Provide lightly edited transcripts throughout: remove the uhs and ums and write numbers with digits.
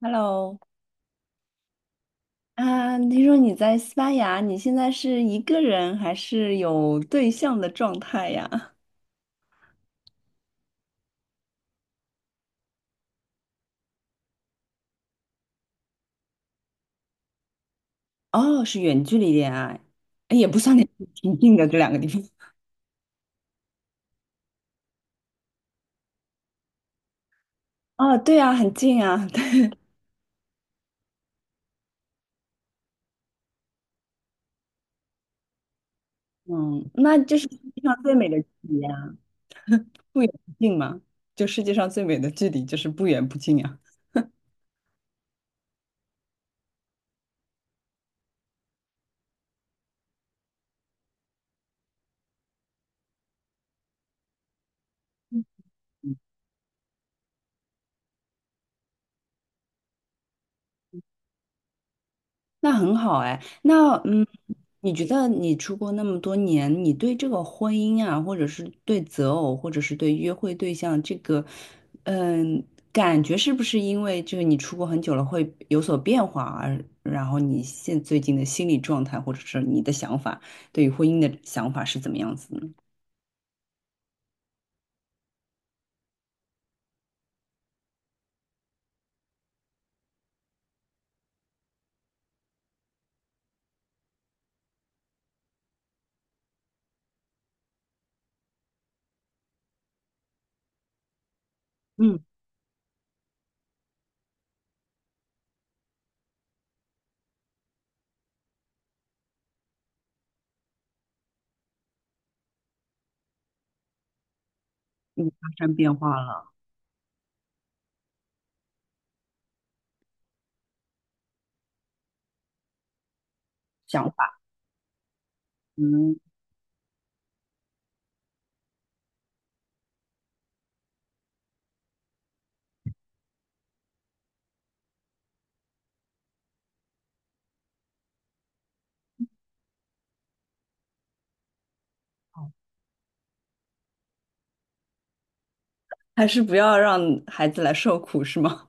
Hello，听说你在西班牙，你现在是一个人还是有对象的状态呀？哦，是远距离恋爱，哎也不算 远距离，挺近的这两个地方。哦，对啊，很近啊，对，嗯，那就是世界上最美的距离啊。不远不近嘛，就世界上最美的距离就是不远不近呀。那很好哎，那嗯，你觉得你出国那么多年，你对这个婚姻啊，或者是对择偶，或者是对约会对象这个，嗯，感觉是不是因为就是你出国很久了会有所变化而，然后你现最近的心理状态，或者是你的想法，对于婚姻的想法是怎么样子呢？嗯，你发生变化了，想法，嗯，还是不要让孩子来受苦，是吗？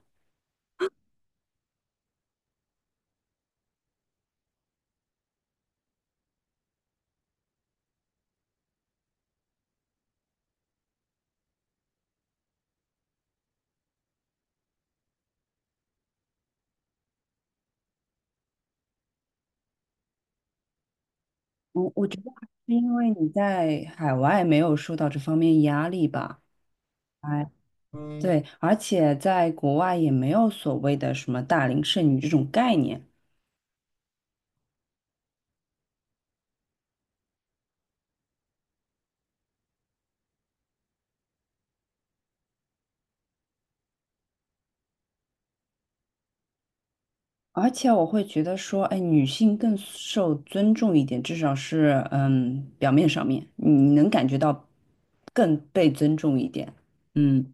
我觉得还是因为你在海外没有受到这方面压力吧。哎，对，而且在国外也没有所谓的什么大龄剩女这种概念，而且我会觉得说，哎，女性更受尊重一点，至少是嗯，表面上面你能感觉到更被尊重一点。嗯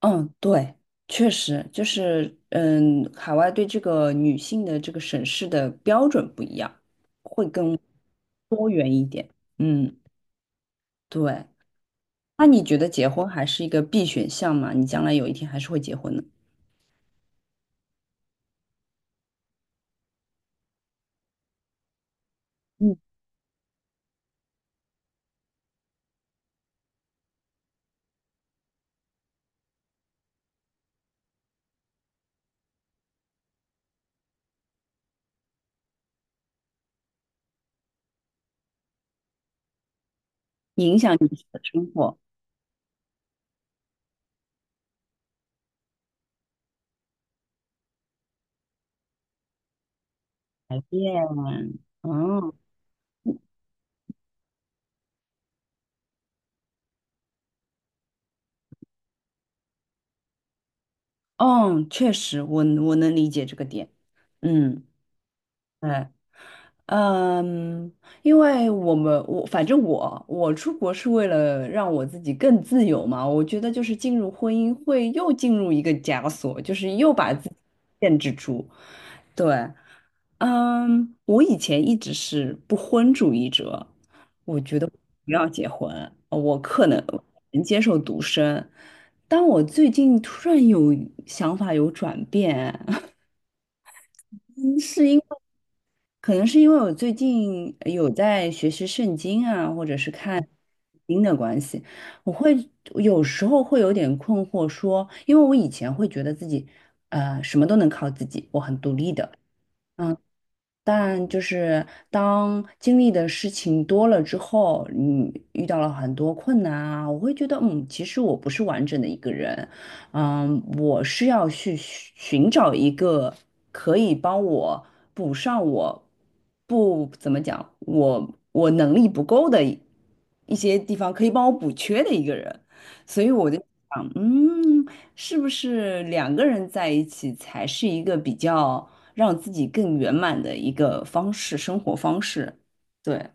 嗯，对，确实就是嗯，海外对这个女性的这个审视的标准不一样。嗯，对。那你觉得结婚还是一个必选项吗？你将来有一天还是会结婚的，嗯，影响你的生活改变。嗯，哦，确实，我能理解这个点。嗯，对，嗯，因为我反正我出国是为了让我自己更自由嘛。我觉得就是进入婚姻会又进入一个枷锁，就是又把自己限制住。对。嗯，我以前一直是不婚主义者，我觉得不要结婚，我可能能接受独身，但我最近突然有想法有转变，嗯是因为可能是因为我最近有在学习圣经啊，或者是看经的关系，我会有时候会有点困惑说，因为我以前会觉得自己什么都能靠自己，我很独立的。但就是当经历的事情多了之后，你遇到了很多困难啊，我会觉得，嗯，其实我不是完整的一个人，嗯，我是要去寻找一个可以帮我补上我不怎么讲，我能力不够的一些地方，可以帮我补缺的一个人，所以我就想，嗯，是不是两个人在一起才是一个比较。让自己更圆满的一个方式，生活方式。对，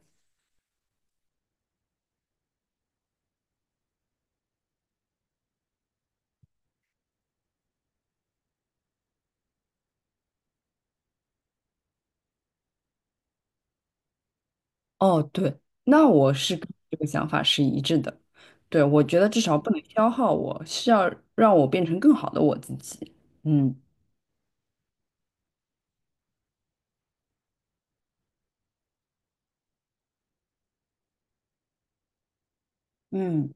哦，对，那我是跟这个想法是一致的。对，我觉得至少不能消耗我，是要让我变成更好的我自己。嗯，嗯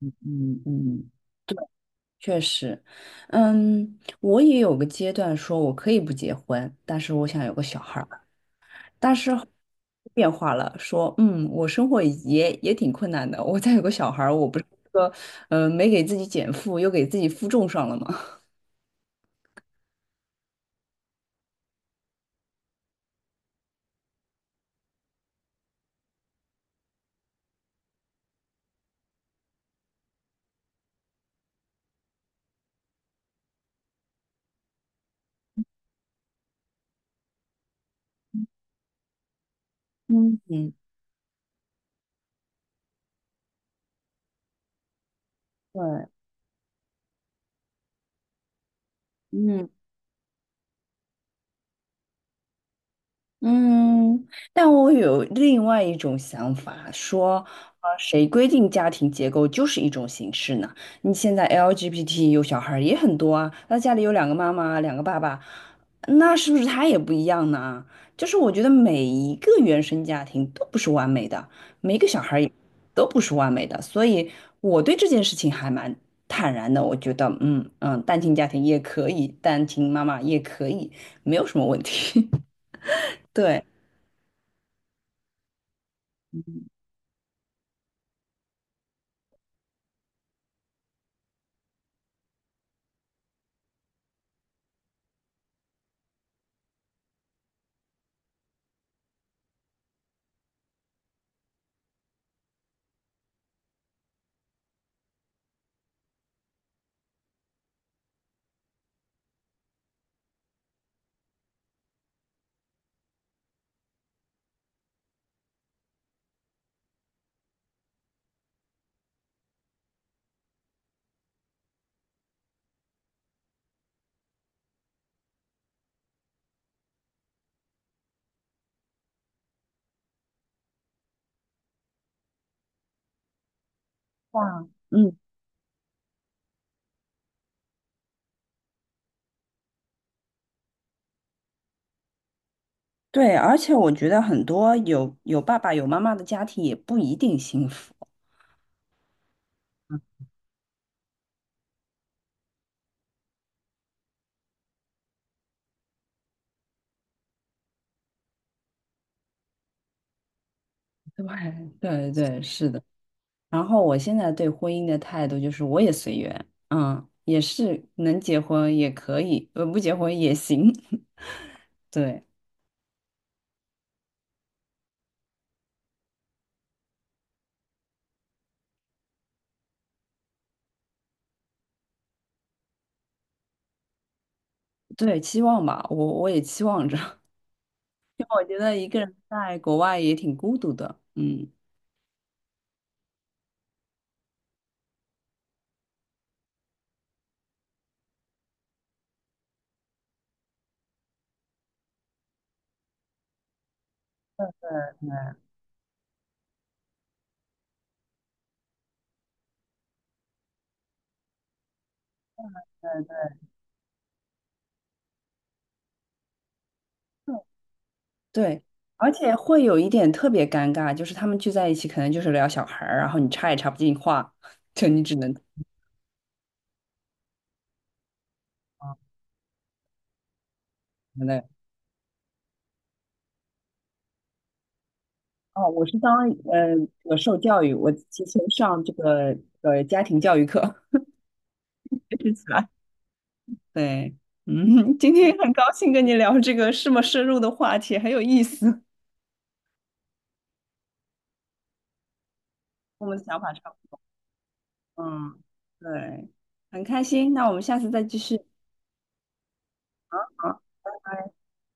嗯嗯，确实，嗯，我也有个阶段说我可以不结婚，但是我想有个小孩儿。但是后变化了，说嗯，我生活也挺困难的，我再有个小孩儿，我不是说没给自己减负，又给自己负重上了吗？嗯嗯，对，嗯，但我有另外一种想法，说，谁规定家庭结构就是一种形式呢？你现在 LGBT 有小孩儿也很多啊，那家里有两个妈妈，两个爸爸，那是不是他也不一样呢？就是我觉得每一个原生家庭都不是完美的，每一个小孩儿也都不是完美的，所以我对这件事情还蛮坦然的。我觉得，嗯嗯，单亲家庭也可以，单亲妈妈也可以，没有什么问题。对。哇，嗯，对，而且我觉得很多有爸爸有妈妈的家庭也不一定幸福。对对对，是的，然后我现在对婚姻的态度就是，我也随缘，嗯，也是能结婚也可以，不结婚也行。对对，期望吧，我也期望着，因为我觉得一个人在国外也挺孤独的，嗯，对，对，而且会有一点特别尴尬，就是他们聚在一起，可能就是聊小孩儿，然后你插也插不进话，就你只能。现在哦，我是当呃，我受教育，我提前上这个家庭教育课，学习起来。对，嗯，今天很高兴跟你聊这个这么深入的话题，很有意思。我们的想法差不多，嗯，对，很开心。那我们下次再继续。好